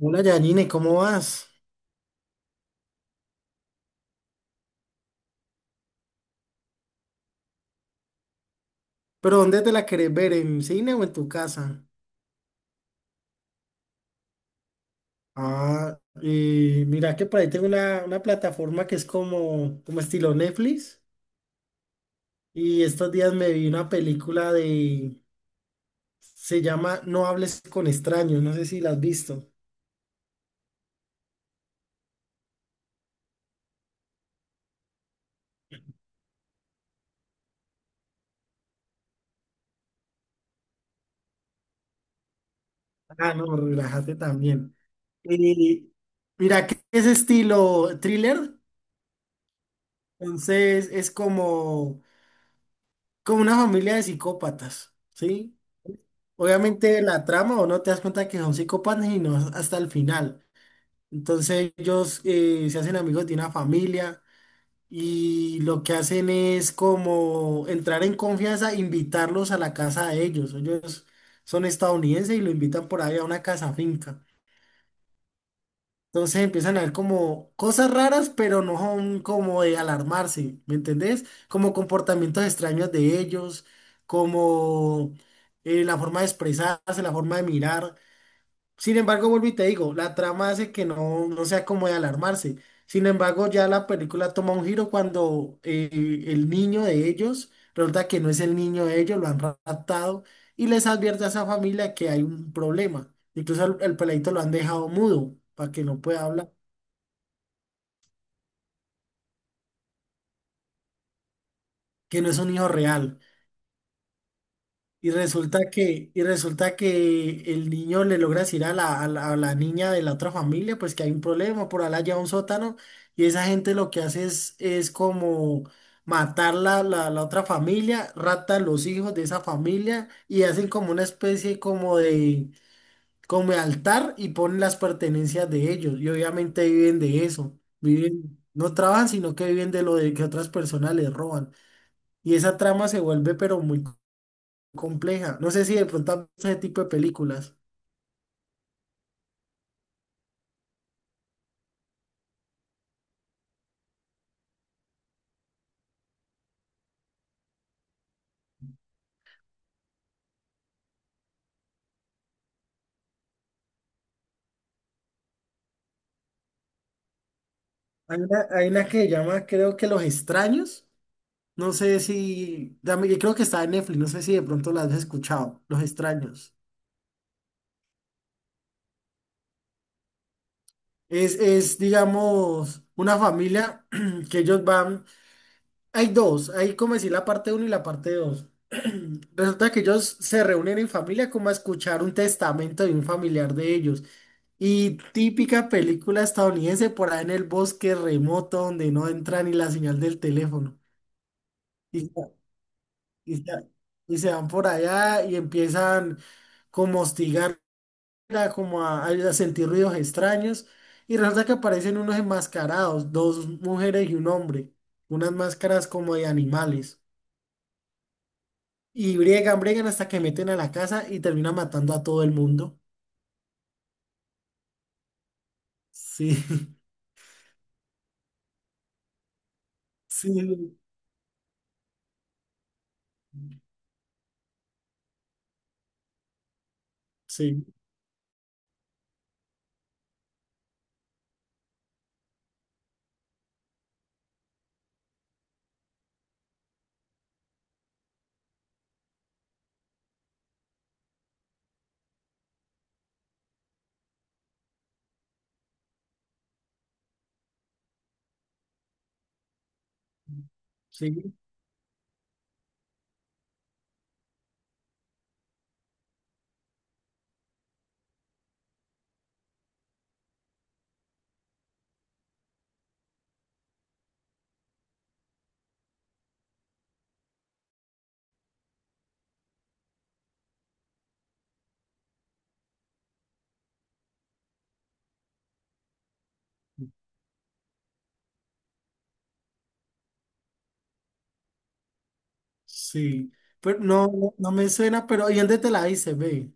Hola Yanine, ¿cómo vas? ¿Pero dónde te la querés ver? ¿En cine o en tu casa? Ah, y mira que por ahí tengo una plataforma que es como, como estilo Netflix. Y estos días me vi una película de... Se llama No hables con extraños. No sé si la has visto. Ah, no, relájate también. Y mira que es estilo thriller. Entonces es como, como una familia de psicópatas, ¿sí? Obviamente la trama o no te das cuenta que son psicópatas y no hasta el final. Entonces ellos se hacen amigos de una familia y lo que hacen es como entrar en confianza, invitarlos a la casa de ellos. Ellos son estadounidenses y lo invitan por ahí a una casa finca. Entonces empiezan a ver como cosas raras, pero no son como de alarmarse, ¿me entendés? Como comportamientos extraños de ellos, como la forma de expresarse, la forma de mirar. Sin embargo, vuelvo y te digo, la trama hace que no sea como de alarmarse. Sin embargo, ya la película toma un giro cuando el niño de ellos, resulta que no es el niño de ellos, lo han raptado y les advierte a esa familia que hay un problema. Incluso el peladito lo han dejado mudo para que no pueda hablar, que no es un hijo real. Y resulta que el niño le logra decir a la niña de la otra familia, pues que hay un problema, por allá lleva un sótano, y esa gente lo que hace es como matar la otra familia, raptan los hijos de esa familia y hacen como una especie como de altar y ponen las pertenencias de ellos, y obviamente viven de eso, viven, no trabajan, sino que viven de lo de que otras personas les roban. Y esa trama se vuelve pero muy compleja. No sé si de pronto han visto ese tipo de películas. Hay una que se llama, creo que Los Extraños. No sé si, creo que está en Netflix, no sé si de pronto la has escuchado, Los Extraños. Es, digamos, una familia que ellos van, hay dos, hay como decir la parte uno y la parte dos. Resulta que ellos se reúnen en familia como a escuchar un testamento de un familiar de ellos. Y típica película estadounidense por ahí en el bosque remoto donde no entra ni la señal del teléfono. Y, y se y se van por allá y empiezan como a hostigar, a a sentir ruidos extraños. Y resulta que aparecen unos enmascarados, dos mujeres y un hombre, unas máscaras como de animales. Y briegan, briegan hasta que meten a la casa y terminan matando a todo el mundo. Sí, sí, sí, sí. Sí, pero no, no me suena, pero ¿y dónde te la hice, ve?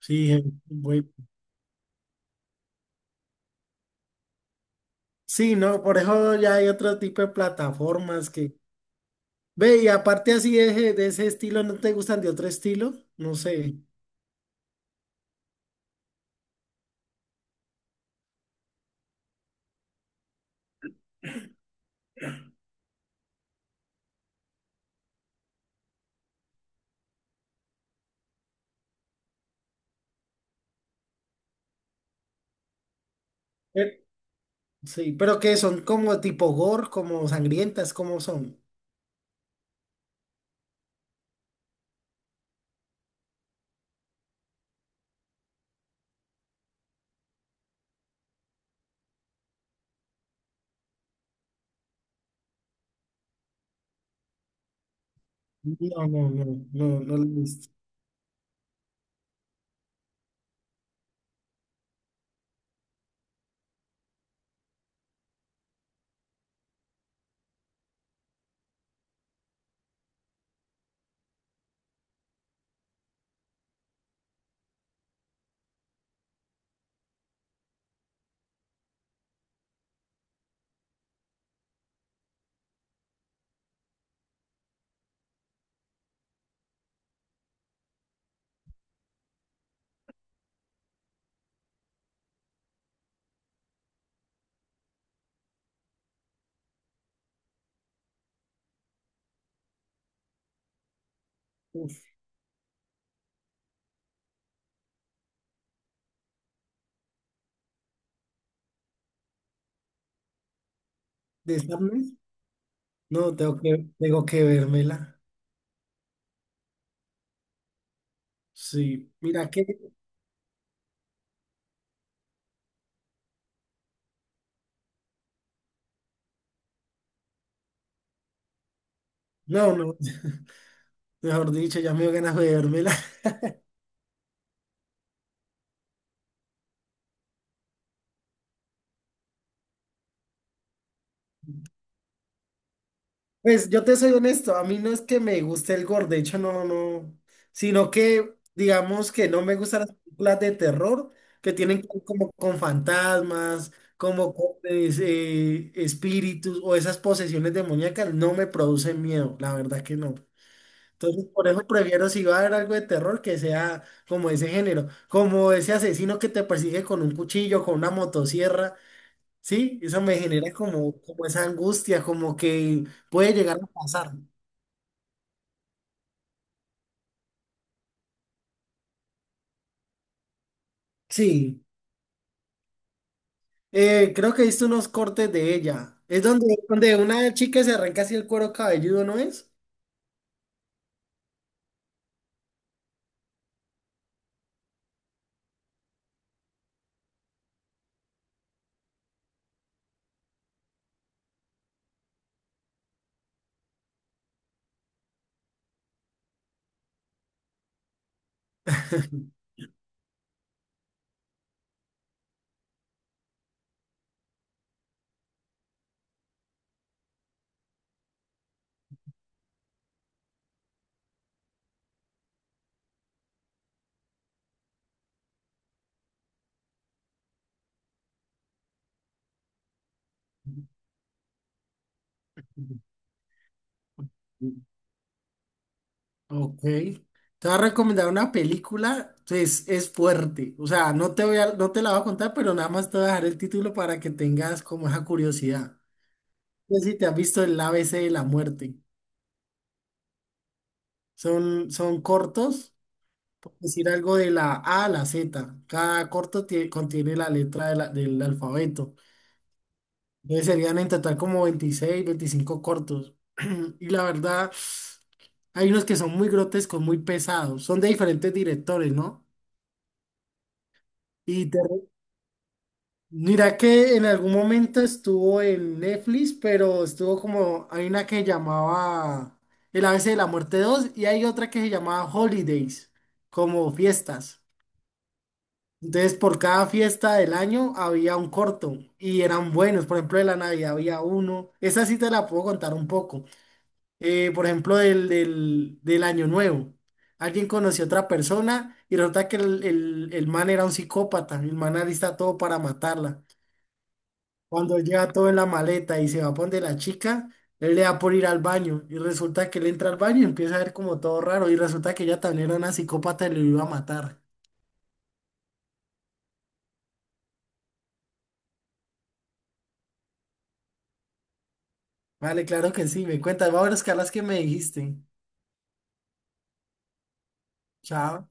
Sí, en- güey. Sí, no, por eso ya hay otro tipo de plataformas que... Ve, y aparte así de ese estilo, ¿no te gustan de otro estilo? No sé. Eh, Sí, pero que son como tipo gore, como sangrientas, ¿cómo son? No, no, no, no, no la he visto. Uf, ¿De Sadness? No, tengo que vérmela. Sí, mira que... No, no, mejor dicho, ya me dio ganas de vérmela. Pues yo te soy honesto, a mí no es que me guste el gore, de hecho no, sino que digamos que no me gustan las películas de terror que tienen que ver como con fantasmas, como con espíritus o esas posesiones demoníacas, no me producen miedo, la verdad que no. Entonces por eso prefiero si va a haber algo de terror que sea como ese género, como ese asesino que te persigue con un cuchillo, con una motosierra. Sí, eso me genera como, como esa angustia, como que puede llegar a pasar. Sí, creo que he visto unos cortes de ella. Es donde, donde una chica se arranca así el cuero cabelludo, ¿no es? Ok. Te voy a recomendar una película, pues es fuerte. O sea, no te la voy a contar, pero nada más te voy a dejar el título para que tengas como esa curiosidad. No sé si te has visto el ABC de la muerte. Son, son cortos, decir algo de la A a la Z. Cada corto contiene la letra de del alfabeto. Entonces serían en total como 26, 25 cortos. Y la verdad, hay unos que son muy grotescos, muy pesados. Son de diferentes directores, ¿no? Y te- mira que en algún momento estuvo en Netflix, pero estuvo como, hay una que llamaba El ABC de la Muerte 2 y hay otra que se llamaba Holidays, como fiestas. Entonces, por cada fiesta del año había un corto y eran buenos. Por ejemplo, de la Navidad había uno. Esa sí te la puedo contar un poco. Por ejemplo, del Año Nuevo. Alguien conoció a otra persona y resulta que el man era un psicópata. El man alista todo para matarla. Cuando lleva todo en la maleta y se va a donde la chica, él le da por ir al baño. Y resulta que él entra al baño y empieza a ver como todo raro. Y resulta que ella también era una psicópata y lo iba a matar. Vale, claro que sí, me cuentas. Voy a que me dijiste. Chao.